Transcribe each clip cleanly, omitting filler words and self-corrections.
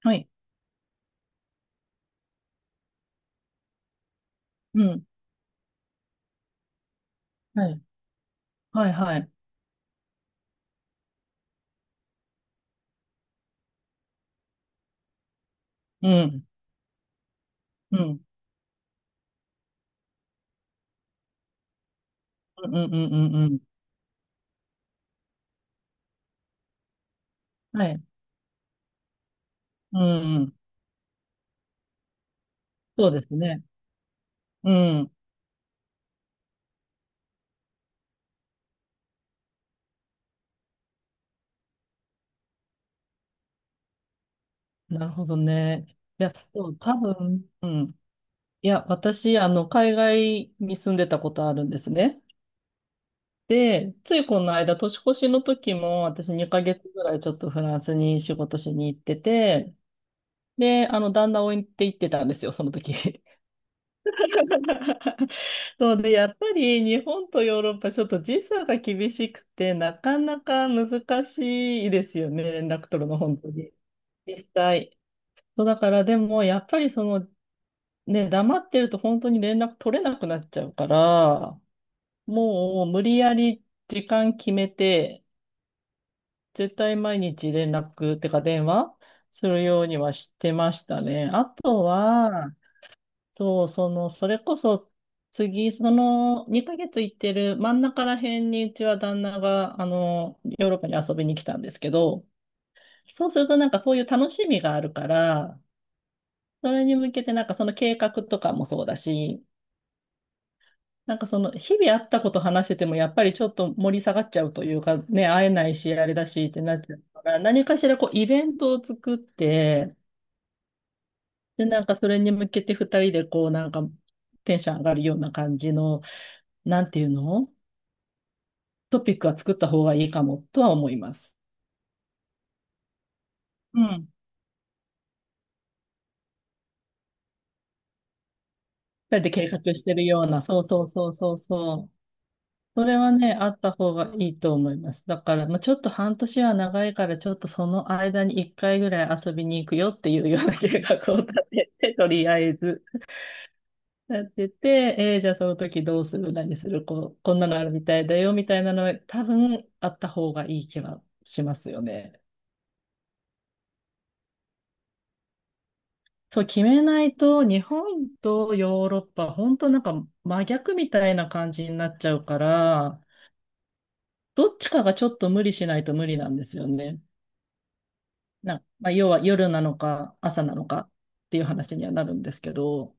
はい。うん。はい。はい、はい。うん。うん。うん、うん、うん、うん。うん。はい。うん、うん。そうですね。うん。なるほどね。いや、でも多分、うん。いや、私、海外に住んでたことあるんですね。で、ついこの間、年越しの時も、私2ヶ月ぐらいちょっとフランスに仕事しに行ってて、で、旦那を置いて行ってたんですよ、その時。そうで、やっぱり日本とヨーロッパ、ちょっと時差が厳しくて、なかなか難しいですよね、連絡取るの、本当に。実際。そうだから、でも、やっぱりその、ね、黙ってると本当に連絡取れなくなっちゃうから、もう無理やり時間決めて、絶対毎日連絡ってか電話するようにはしてましたね。あとは、そう、その、それこそ、次、その、2ヶ月行ってる真ん中ら辺に、うちは旦那が、ヨーロッパに遊びに来たんですけど、そうするとなんかそういう楽しみがあるから、それに向けてなんかその計画とかもそうだし、なんかその、日々あったこと話してても、やっぱりちょっと盛り下がっちゃうというか、ね、会えないし、あれだしってなっちゃうから、何かしらこう、イベントを作って、で、なんかそれに向けて二人でこう、なんかテンション上がるような感じの、なんていうの、トピックは作った方がいいかもとは思います。うん。二人で計画してるような、そうそうそうそうそう。それはね、あった方がいいと思います。だから、まあ、ちょっと半年は長いから、ちょっとその間に一回ぐらい遊びに行くよっていうような計画を立てて、とりあえず。なってて、じゃあその時どうする、何する、こう、こんなのあるみたいだよ、みたいなのは多分あった方がいい気はしますよね。そう、決めないと、日本とヨーロッパ、本当なんか真逆みたいな感じになっちゃうから、どっちかがちょっと無理しないと無理なんですよね。まあ、要は夜なのか朝なのかっていう話にはなるんですけど。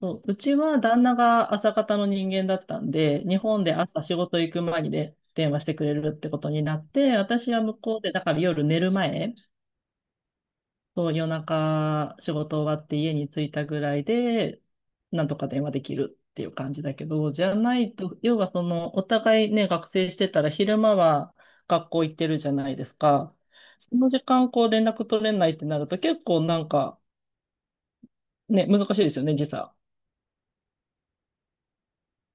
そう、うちは旦那が朝方の人間だったんで、日本で朝仕事行く前にで電話してくれるってことになって、私は向こうで、だから夜寝る前、そう夜中仕事終わって家に着いたぐらいで、なんとか電話できるっていう感じだけど、じゃないと、要はその、お互いね、学生してたら昼間は学校行ってるじゃないですか。その時間こう連絡取れないってなると結構なんかね、難しいですよね、時差。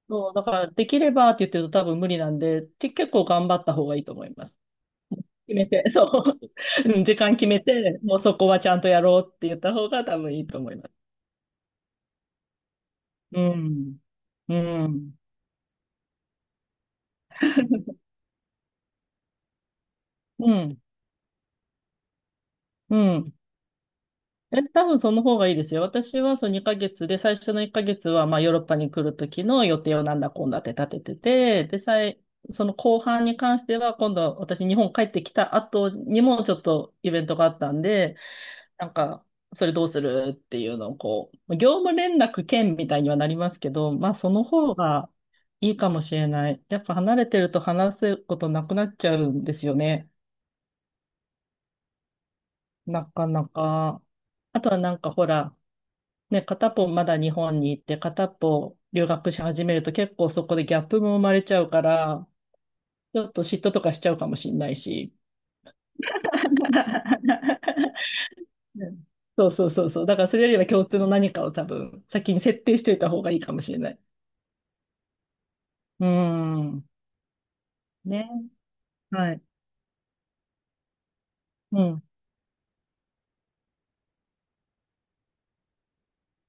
そう、だからできればって言ってると多分無理なんで、結構頑張った方がいいと思います。決めて、そう、うん、時間決めて、もうそこはちゃんとやろうって言った方が多分いいと思います。うん。うん。うん。うん。え、多分その方がいいですよ。私はその2ヶ月で、最初の1ヶ月はまあヨーロッパに来る時の予定をなんだこんだって立ててて、で、その後半に関しては今度私日本帰ってきた後にもちょっとイベントがあったんで、なんか、それどうするっていうのをこう、業務連絡兼みたいにはなりますけど、まあその方がいいかもしれない。やっぱ離れてると話すことなくなっちゃうんですよね。なかなか。あとはなんかほら、ね、片っぽまだ日本に行って片っぽ留学し始めると結構そこでギャップも生まれちゃうから、ちょっと嫉妬とかしちゃうかもしれないし。うん、そうそうそうそう。だからそれよりは共通の何かを多分先に設定しておいた方がいいかもしれない。うーん。ね。はい。うん。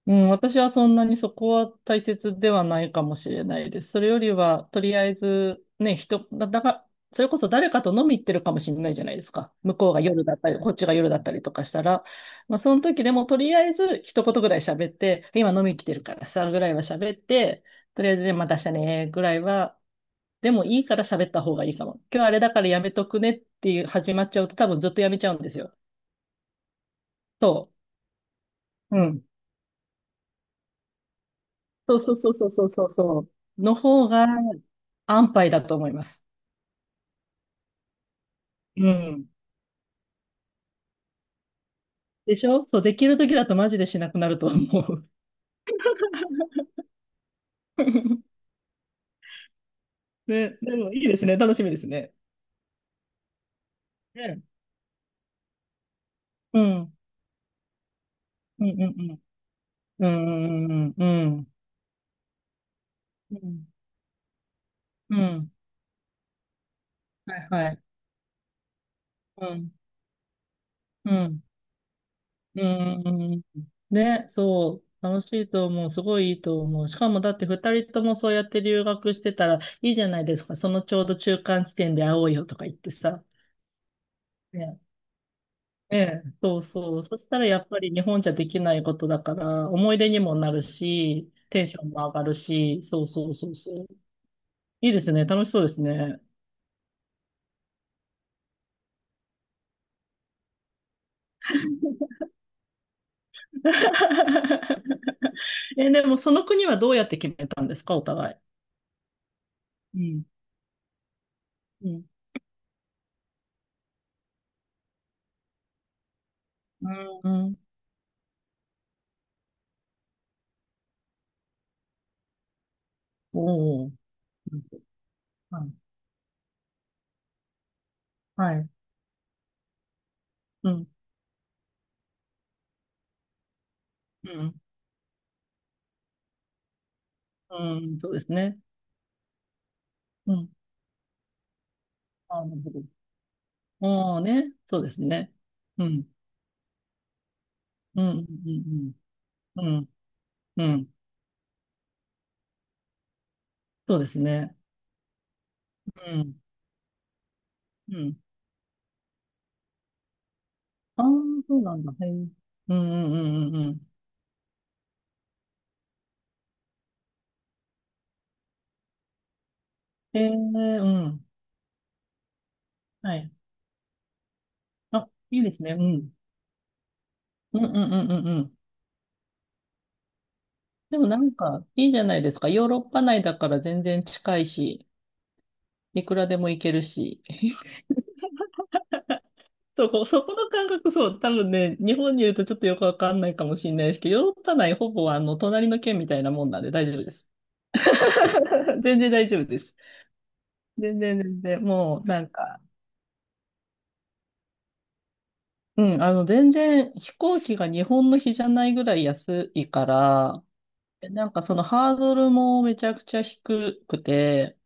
うん。私はそんなにそこは大切ではないかもしれないです。それよりは、とりあえず、ね、だが、それこそ誰かと飲み行ってるかもしれないじゃないですか。向こうが夜だったり、こっちが夜だったりとかしたら。まあ、その時でも、とりあえず一言ぐらい喋って、今飲み来てるからさ、ぐらいは喋って、とりあえず、じあまた明日ね、ぐらいは、でもいいから喋った方がいいかも。今日あれだからやめとくねっていう始まっちゃうと多分ずっとやめちゃうんですよ。そう。うん。そうそうそうそうそうそうそうの方が安牌だと思います。うん。でしょ、そう、できる時だとマジでしなくなると思う。ね、でもいいですね。楽しみですね。ね。うん。うんうんうんうん。うんうんうんうん。うん。うん。はいはい。うん。うん。うーん。ね、そう。楽しいと思う。すごいいいと思う。しかもだって二人ともそうやって留学してたらいいじゃないですか。そのちょうど中間地点で会おうよとか言ってさ。ね、ね、そうそう。そしたらやっぱり日本じゃできないことだから、思い出にもなるし、テンションも上がるし、そうそうそうそう。いいですね。楽しそうですね。え、でもその国はどうやって決めたんですか、お互い。うん。うん。うん。おお。はい。うん。うん。うん。そうですね。うん。ああ、なるほど。ああね。そうですね。うん。うん。うんうん。うん。うん。そうですね。うん。うん。ああ、そうなんだ。へえ。うんうんうんうんうん。へえ、うん。はい。あ、いいですね。うん。うんうんうんうんうん。でもなんか、いいじゃないですか。ヨーロッパ内だから全然近いし、いくらでも行けるし。そこ、そこの感覚、そう、多分ね、日本にいるとちょっとよくわかんないかもしれないですけど、ヨーロッパ内ほぼ隣の県みたいなもんなんで大丈夫です。全然大丈夫です。全然全然、もうなんか、うん、全然飛行機が日本の比じゃないぐらい安いから、なんかそのハードルもめちゃくちゃ低くて、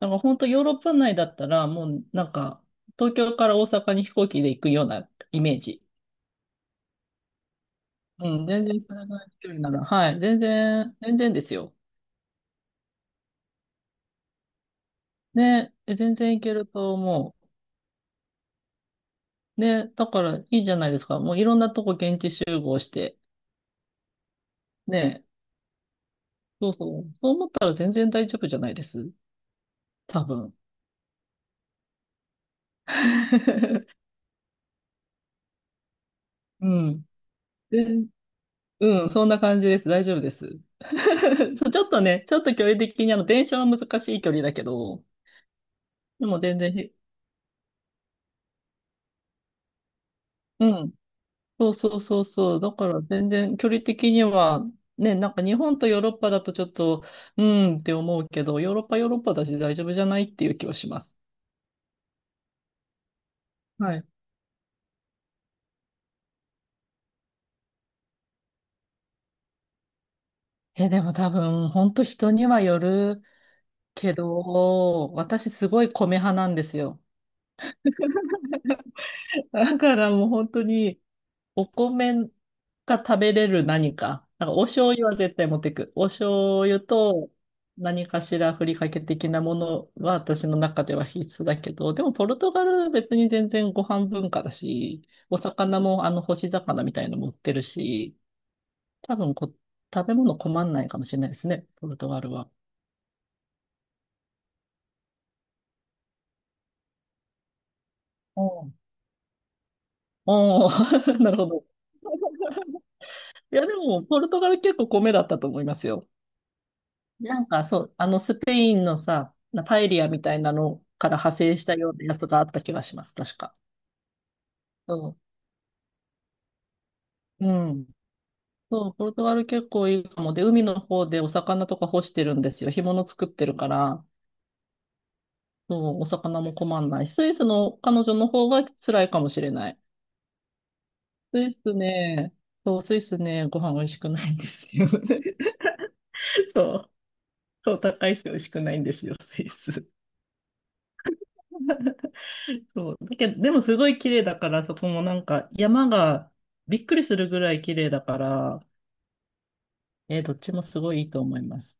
なんか本当ヨーロッパ内だったらもうなんか東京から大阪に飛行機で行くようなイメージ。うん、全然それぐらいの距離なら、はい、全然、全然ですよ。ね、全然いけると思う。ね、だからいいじゃないですか。もういろんなとこ現地集合して、ね、そうそう、そう思ったら全然大丈夫じゃないです。多分。うん。で、うん、そんな感じです。大丈夫です。そう、ちょっとね、ちょっと距離的に電車は難しい距離だけど、でも全然ひ、うん。そうそうそうそう。だから全然距離的には、ね、なんか日本とヨーロッパだとちょっと、うーんって思うけど、ヨーロッパヨーロッパだし大丈夫じゃないっていう気はします。はい。え、でも多分、本当人にはよるけど、私すごい米派なんですよ。だからもう本当に、お米が食べれる何か。なんかお醤油は絶対持ってく。お醤油と何かしらふりかけ的なものは私の中では必須だけど、でもポルトガル別に全然ご飯文化だし、お魚もあの干し魚みたいの持ってるし、多分食べ物困んないかもしれないですね、ポルトガルは。おうおう なるほど。いや、でも、ポルトガル結構米だったと思いますよ。なんかそう、あのスペインのさ、なパエリアみたいなのから派生したようなやつがあった気がします、確か。そう。うん。そう、ポルトガル結構いいかも。で、海の方でお魚とか干してるんですよ。干物作ってるから、そう、お魚も困んないし。スイスの彼女の方が辛いかもしれない。スイスね、そう、スイスね、ご飯美味しくないんですよ。そう、そう、高いし美味しくないんですよ、スイス。そう。だけど、でもすごい綺麗だから、そこもなんか山がびっくりするぐらい綺麗だから、どっちもすごいいいと思います。